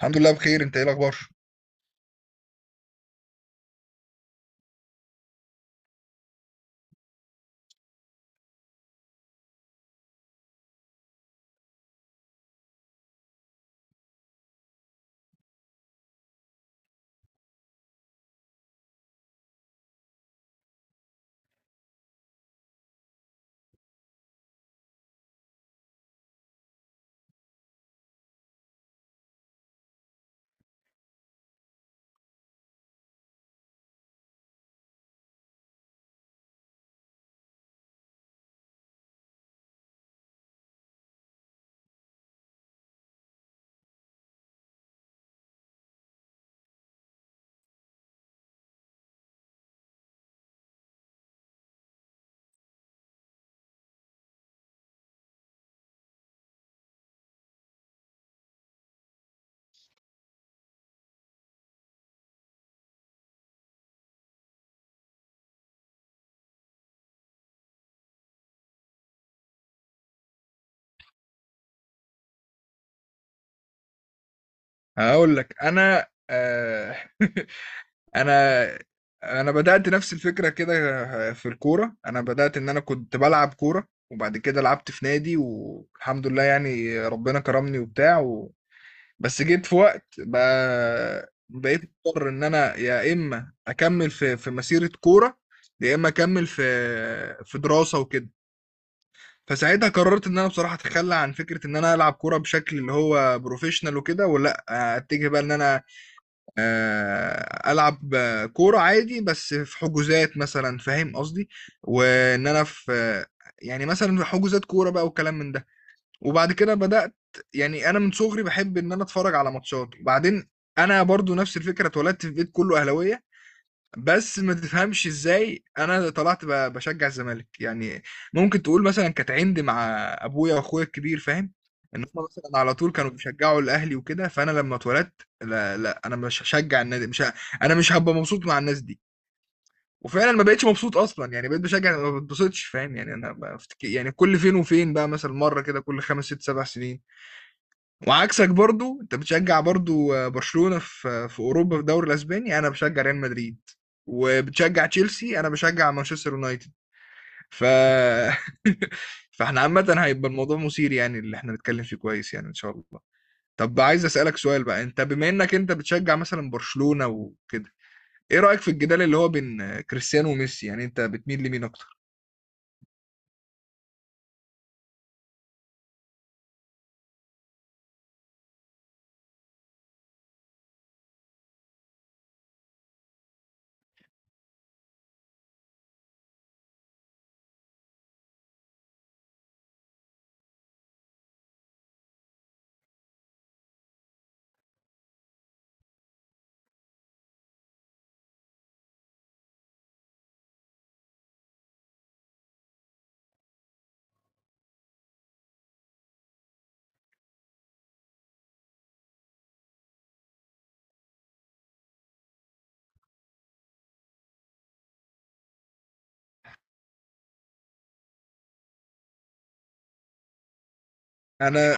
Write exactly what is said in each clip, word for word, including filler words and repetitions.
الحمد لله بخير. انت ايه الاخبار؟ هقول لك انا آه انا انا بدات نفس الفكره كده. في الكوره انا بدات ان انا كنت بلعب كوره، وبعد كده لعبت في نادي والحمد لله. يعني ربنا كرمني وبتاع و... بس جيت في وقت بقى، بقيت مضطر ان انا يا اما اكمل في في مسيره كوره، يا اما اكمل في في دراسه وكده. فساعتها قررت ان انا بصراحه اتخلى عن فكره ان انا العب كوره بشكل اللي هو بروفيشنال وكده، ولا اتجه بقى ان انا آه، العب آه، كوره عادي بس في حجوزات مثلا، فاهم قصدي؟ وان انا في آه، يعني مثلا في حجوزات كوره بقى والكلام من ده. وبعد كده بدات، يعني انا من صغري بحب ان انا اتفرج على ماتشات. وبعدين انا برضو نفس الفكره، اتولدت في بيت كله اهلاويه، بس ما تفهمش ازاي انا طلعت ب- بشجع الزمالك يعني. ممكن تقول مثلا كانت عندي مع ابويا واخويا الكبير، فاهم؟ ان هم مثلا على طول كانوا بيشجعوا الاهلي وكده، فانا لما اتولدت لا لا، انا مش هشجع النادي، مش ه... انا مش هبقى مبسوط مع الناس دي. وفعلا ما بقتش مبسوط اصلا، يعني بقيت بشجع ما بتبسطش، فاهم يعني؟ انا بفتكر يعني كل فين وفين بقى، مثلا مره كده كل خمس ست سبع سنين. وعكسك برضو، انت بتشجع برضو آه، برشلونة في في اوروبا، في الدوري الاسباني انا بشجع ريال مدريد. وبتشجع تشيلسي، انا بشجع مانشستر يونايتد. ف فاحنا عامة هيبقى الموضوع مثير يعني، اللي احنا نتكلم فيه كويس يعني ان شاء الله. طب عايز اسألك سؤال بقى. انت بما انك انت بتشجع مثلا برشلونة وكده، ايه رأيك في الجدال اللي هو بين آه، كريستيانو وميسي؟ يعني انت بتميل لمين اكتر؟ انا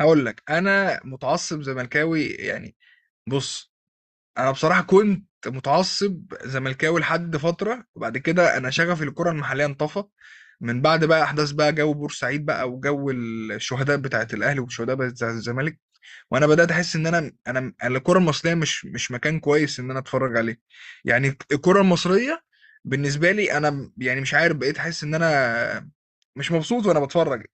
هقول لك، انا متعصب زملكاوي يعني. بص، انا بصراحه كنت متعصب زملكاوي لحد فتره، وبعد كده انا شغفي للكره المحليه انطفى من بعد بقى احداث بقى جو بورسعيد بقى، وجو الشهداء بتاعت الاهلي والشهداء بتاعت الزمالك. وانا بدات احس ان انا انا الكره المصريه مش مش مكان كويس ان انا اتفرج عليه. يعني الكره المصريه بالنسبه لي انا، يعني مش عارف، بقيت احس ان انا مش مبسوط وانا بتفرج.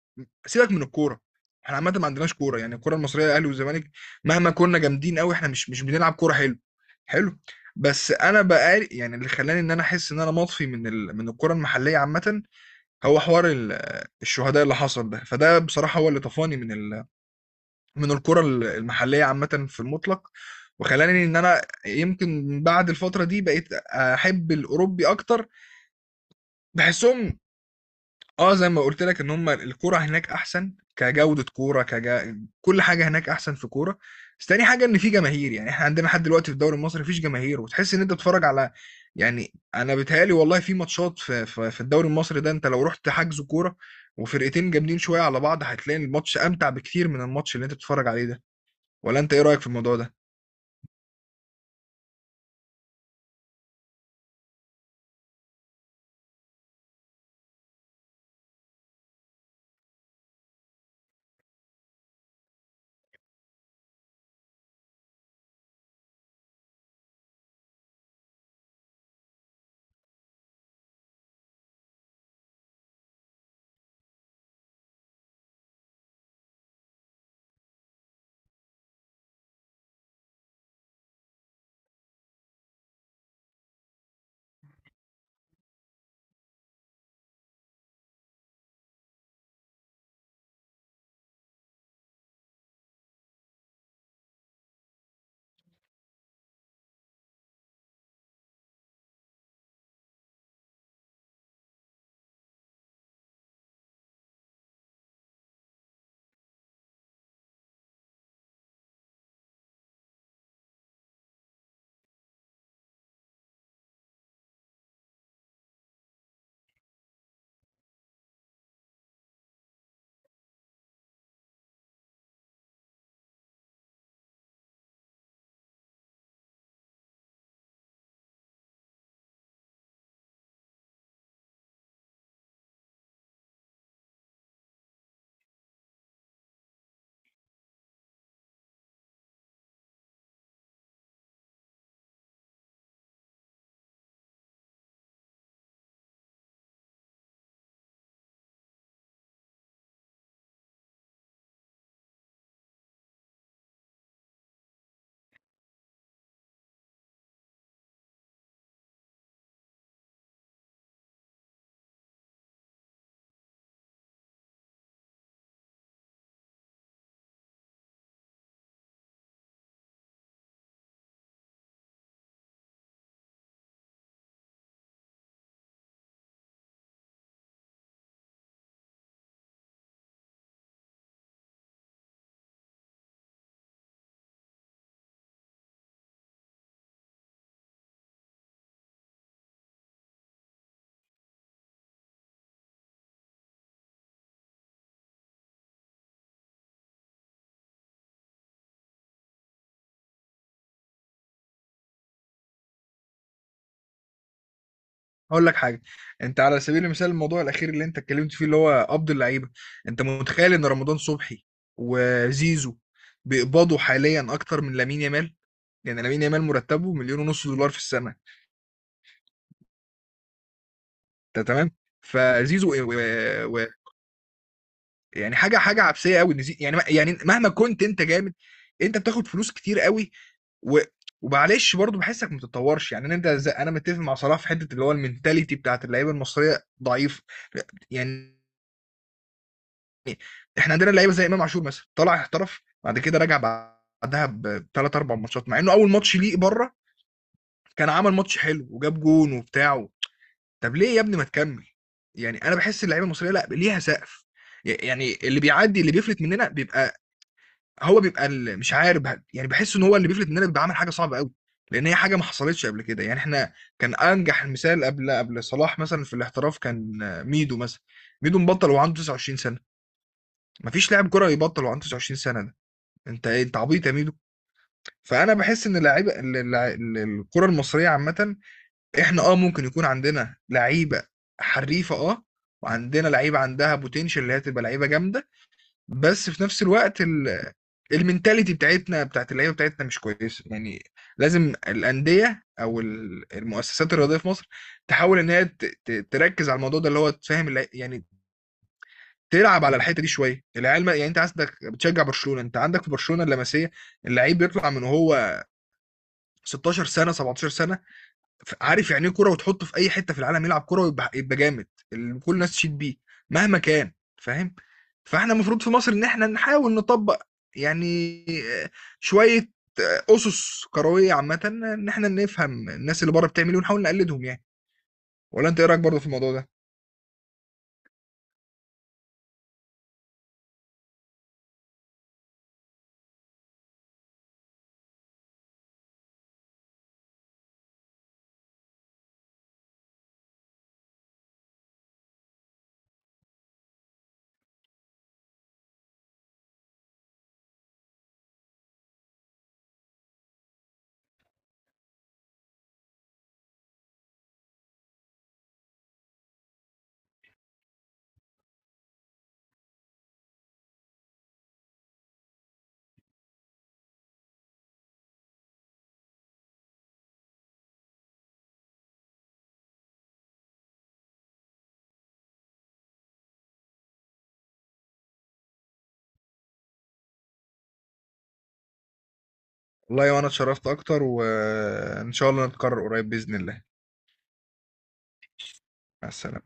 سيبك من الكوره، احنا عامه ما عندناش كوره. يعني الكوره المصريه، الاهلي والزمالك، مهما كنا جامدين قوي احنا مش مش بنلعب كوره حلو. حلو. بس انا بقى، يعني اللي خلاني ان انا احس ان انا مطفي من ال... من الكوره المحليه عامه، هو حوار ال... الشهداء اللي حصل ده. فده بصراحه هو اللي طفاني من ال... من الكوره ال- المحليه عامه في المطلق. وخلاني ان انا يمكن بعد الفتره دي بقيت احب الاوروبي اكتر. بحسهم، اه زي ما قلت لك ان هم الكوره هناك احسن، كجوده كوره كجا... كل حاجه هناك احسن في كوره. بس تاني حاجه ان في جماهير. يعني احنا عندنا لحد دلوقتي في الدوري المصري مفيش جماهير، وتحس ان انت بتتفرج على، يعني انا بيتهيألي والله في ماتشات في, في, في الدوري المصري ده. انت لو رحت حجز كوره وفرقتين جامدين شويه على بعض هتلاقي الماتش امتع بكتير من الماتش اللي انت بتتفرج عليه ده. ولا انت ايه رايك في الموضوع ده؟ هقول لك حاجه. انت على سبيل المثال، الموضوع الاخير اللي انت اتكلمت فيه اللي هو قبض اللعيبه، انت متخيل ان رمضان صبحي وزيزو بيقبضوا حاليا اكتر من لامين يامال؟ يعني لامين يامال مرتبه مليون ونص دولار في السنه. انت تمام؟ فزيزو و... و... يعني حاجه حاجه عبثيه قوي ان زي... يعني يعني مهما كنت انت جامد انت بتاخد فلوس كتير قوي. و... ومعلش برضه بحسك ما بتتطورش. يعني انت زي... انا متفق مع صلاح في حته اللي هو المنتاليتي بتاعت اللعيبه المصريه ضعيف يعني. احنا عندنا لعيبه زي امام عاشور مثلا، طلع احترف بعد كده رجع بعدها بثلاث اربع ماتشات، مع انه اول ماتش ليه بره كان عمل ماتش حلو وجاب جون وبتاع. طب ليه يا ابني ما تكمل؟ يعني انا بحس اللعيبه المصريه لا ليها سقف. يعني اللي بيعدي اللي بيفلت مننا بيبقى، هو بيبقى ال- مش عارف، بح- يعني بحس ان هو اللي بيفلت مننا بيبقى عامل حاجه صعبه قوي، لان هي حاجه ما حصلتش قبل كده. يعني احنا كان انجح المثال قبل قبل صلاح، مثلا في الاحتراف كان آه، ميدو مثلا. ميدو مبطل وعنده تسعه وعشرين سنه. مفيش لاعب كره يبطل وعنده تسعه وعشرين سنه. انت ايه؟ انت عبيط يا ميدو؟ فانا بحس ان اللعيبه ال- ال- ال- الكره المصريه عامه، احنا اه ممكن يكون عندنا لعيبه حريفه، اه، وعندنا لعيبه عندها بوتنشال اللي هي تبقى لعيبه جامده. بس في نفس الوقت ال... المينتاليتي بتاعتنا بتاعت اللعيبه بتاعتنا مش كويسه يعني. لازم الانديه او ال- المؤسسات الرياضيه في مصر تحاول ان هي ت... ت... تركز على الموضوع ده اللي هو تفهم اللع- يعني تلعب على الحته دي شويه. العيال ما- يعني انت عندك بتشجع برشلونه، انت عندك في برشلونه اللمسيه، اللعيب بيطلع من هو ستاشر سنه سبعتاشر سنه ف- عارف يعني ايه كوره، وتحطه في اي حته في العالم يلعب كوره ويبقى يبقى جامد اللي كل الناس تشيد بيه مهما كان. فاهم؟ فاحنا المفروض في مصر ان احنا نحاول نطبق يعني آه، شويه اسس كرويه عامه، ان احنا نفهم الناس اللي بره بتعمل ايه ونحاول نقلدهم يعني. ولا انت ايه رايك برضه في الموضوع ده؟ والله يا، وانا اتشرفت اكتر، وان شاء الله نتكرر قريب باذن الله. مع السلامه.